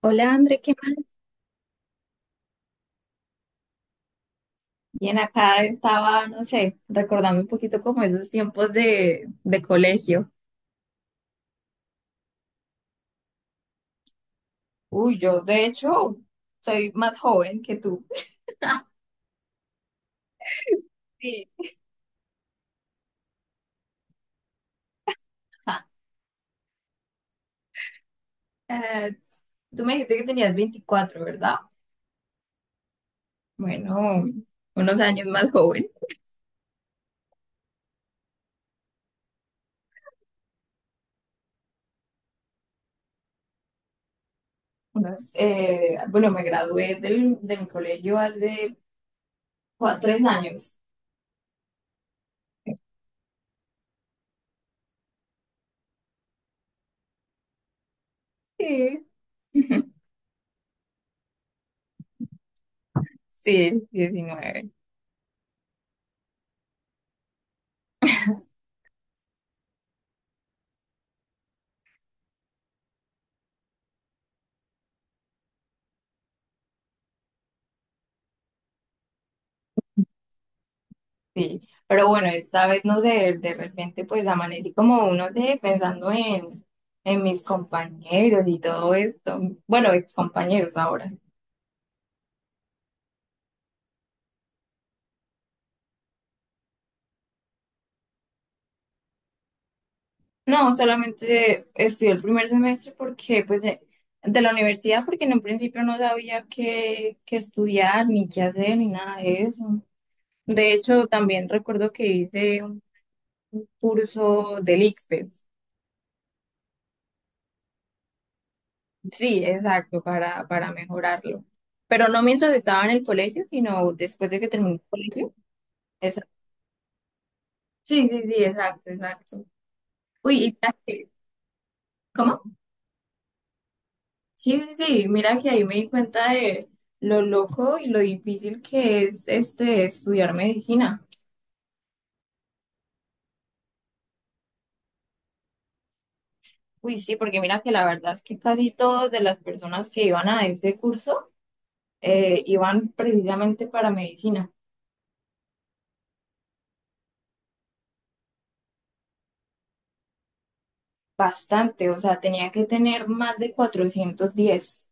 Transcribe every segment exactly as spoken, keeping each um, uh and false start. Hola, André, ¿qué más? Bien, acá estaba, no sé, recordando un poquito como esos tiempos de, de colegio. Uy, yo de hecho soy más joven que tú. Sí. Eh, Tú me dijiste que tenías veinticuatro, ¿verdad? Bueno, unos años más joven. Unos, eh, bueno, me gradué del, de mi colegio hace cua- tres años. Sí. Sí, diecinueve. Sí, pero bueno, esta vez no sé, de repente pues amanecí como uno de pensando en, en mis compañeros y todo esto. Bueno, ex compañeros ahora. No, solamente estudié el primer semestre porque pues de, de la universidad, porque en un principio no sabía qué, qué estudiar, ni qué hacer, ni nada de eso. De hecho, también recuerdo que hice un un curso del ICFES. Sí, exacto, para, para mejorarlo. Pero no mientras estaba en el colegio, sino después de que terminé el colegio. Exacto. Sí, sí, sí, exacto, exacto. Uy, y mira que- ¿cómo? Sí, sí, sí, mira que ahí me di cuenta de lo loco y lo difícil que es este estudiar medicina. Uy, sí, porque mira que la verdad es que casi todas de las personas que iban a ese curso eh, iban precisamente para medicina. Bastante, o sea, tenía que tener más de cuatrocientos diez.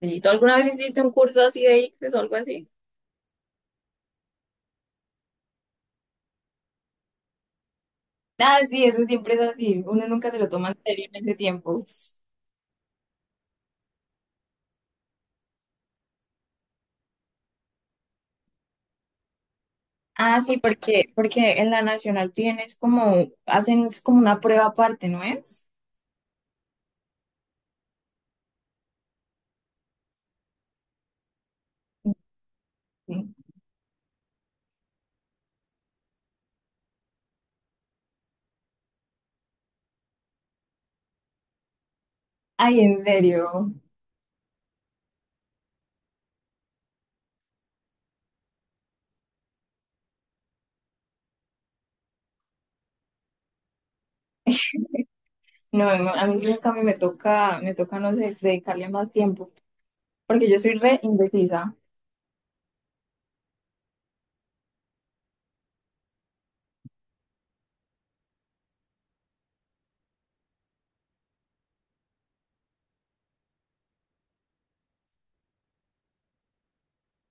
¿Y tú alguna vez hiciste un curso así de ICFES o algo así? Ah, sí, eso siempre es así. Uno nunca se lo toma en serio en ese tiempo. Ah, sí, porque, porque en la nacional piden es como, hacen es como una prueba aparte, ¿no es? Sí. Ay, en serio. No, no, a mí nunca me, me toca, me toca, no sé, dedicarle más tiempo, porque yo soy re indecisa.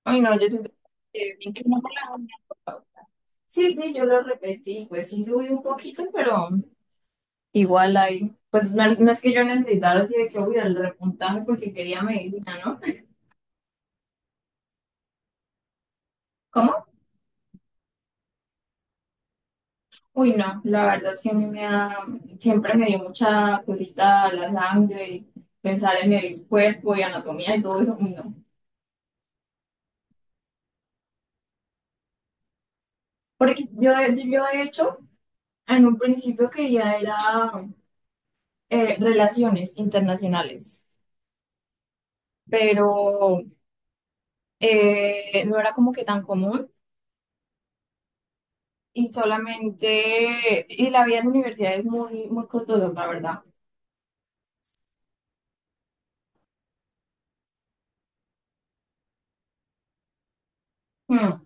Ay, no, yo sí, eh, me inclino por la. Sí, sí, yo lo repetí, pues sí subí un poquito, pero. Igual hay, pues no es, no es que yo necesitara así de que, uy, el repuntaje porque quería medicina, ¿no? ¿Cómo? Uy, no, la verdad es que a mí me da, siempre me dio mucha cosita la sangre, y pensar en el cuerpo y anatomía y todo eso, uy, no. Porque yo, yo de hecho, en un principio quería era eh, relaciones internacionales, pero eh, no era como que tan común y solamente, y la vida en la universidad es muy, muy costosa, la verdad. Mm.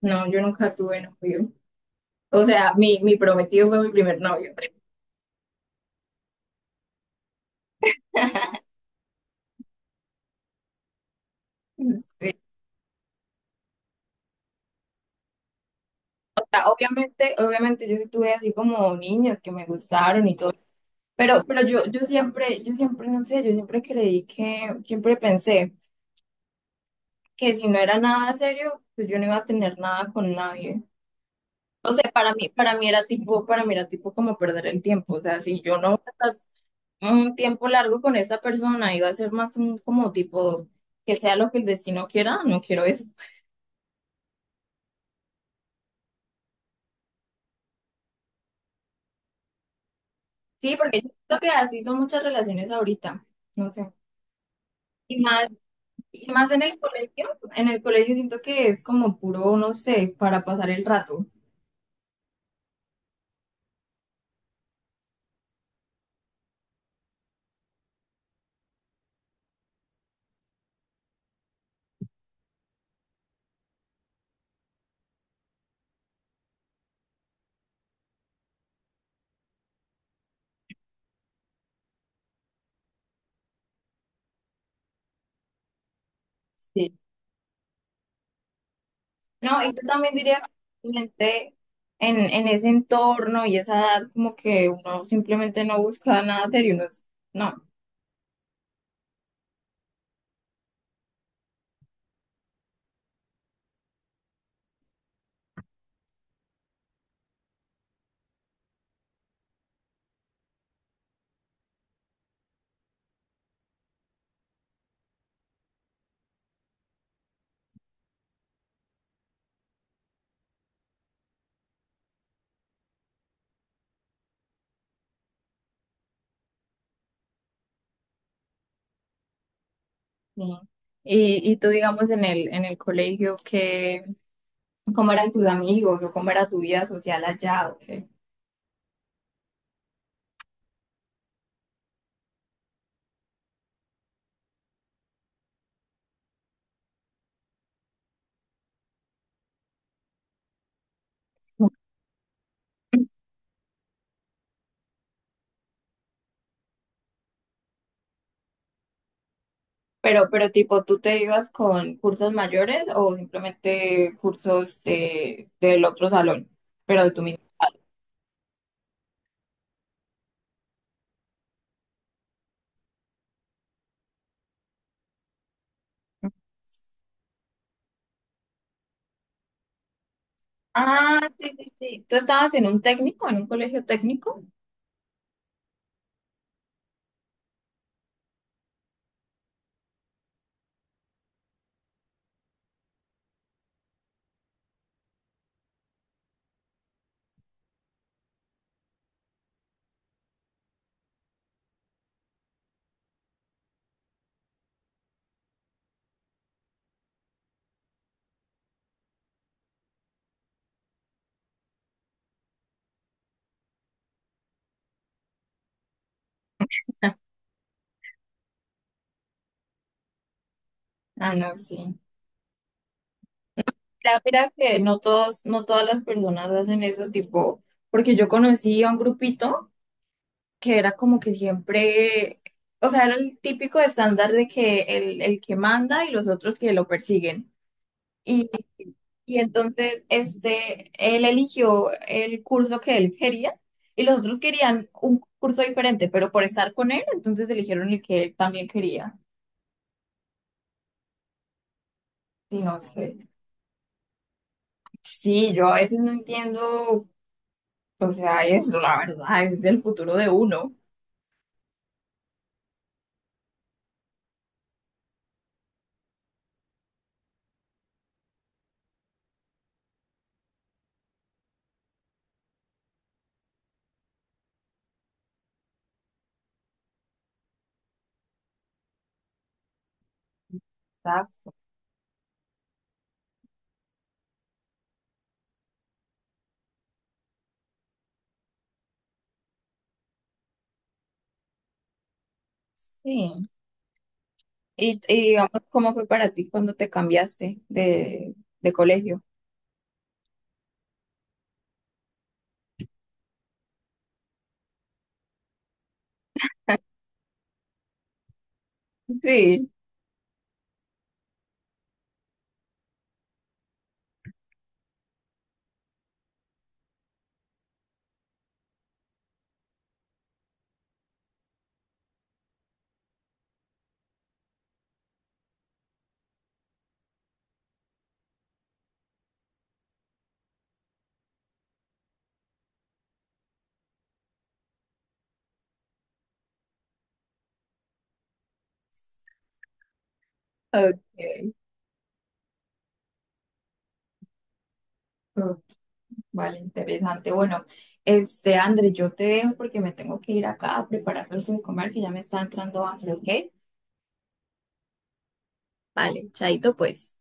No, yo nunca tuve novio. O sea, mi, mi prometido fue mi primer novio. O sea, obviamente, obviamente yo sí tuve así como niñas que me gustaron y todo. Pero, pero yo, yo siempre, yo siempre, no sé, yo siempre creí que, siempre pensé que si no era nada serio, pues yo no iba a tener nada con nadie. O sea, para mí, para mí era tipo, para mí era tipo como perder el tiempo. O sea, si yo no iba a estar un tiempo largo con esa persona, iba a ser más un como tipo que sea lo que el destino quiera, no quiero eso. Sí, porque yo siento que así son muchas relaciones ahorita, no sé. Y más, y más en el colegio, en el colegio siento que es como puro, no sé, para pasar el rato. Sí. No, y yo también diría que simplemente en, en ese entorno y esa edad, como que uno simplemente no busca nada serio, no es- no. Sí. Y, y tú, digamos, en el, en el colegio, que, ¿cómo eran tus amigos o cómo era tu vida social allá? ¿O qué? Pero, pero tipo, ¿tú te ibas con cursos mayores o simplemente cursos de, del otro salón? Pero de tu mismo. Ah, sí, sí, sí. ¿Tú estabas en un técnico, en un colegio técnico? Ah, no, sí. Mira, mira que no todos, no todas las personas hacen eso, tipo, porque yo conocí a un grupito que era como que siempre, o sea, era el típico estándar de que el, el que manda y los otros que lo persiguen. Y entonces, este, él eligió el curso que él quería y los otros querían un curso diferente, pero por estar con él, entonces eligieron el que él también quería. Sí, no sé. Sí, yo a veces no entiendo, o sea, eso la verdad, es el futuro de uno. Exacto. Sí. Y, y digamos, ¿cómo fue para ti cuando te cambiaste de, de colegio? Sí. Ok. Vale, interesante. Bueno, este, André, yo te dejo porque me tengo que ir acá a preparar algo de comer que ya me está entrando hambre, ¿ok? Vale, chaito pues.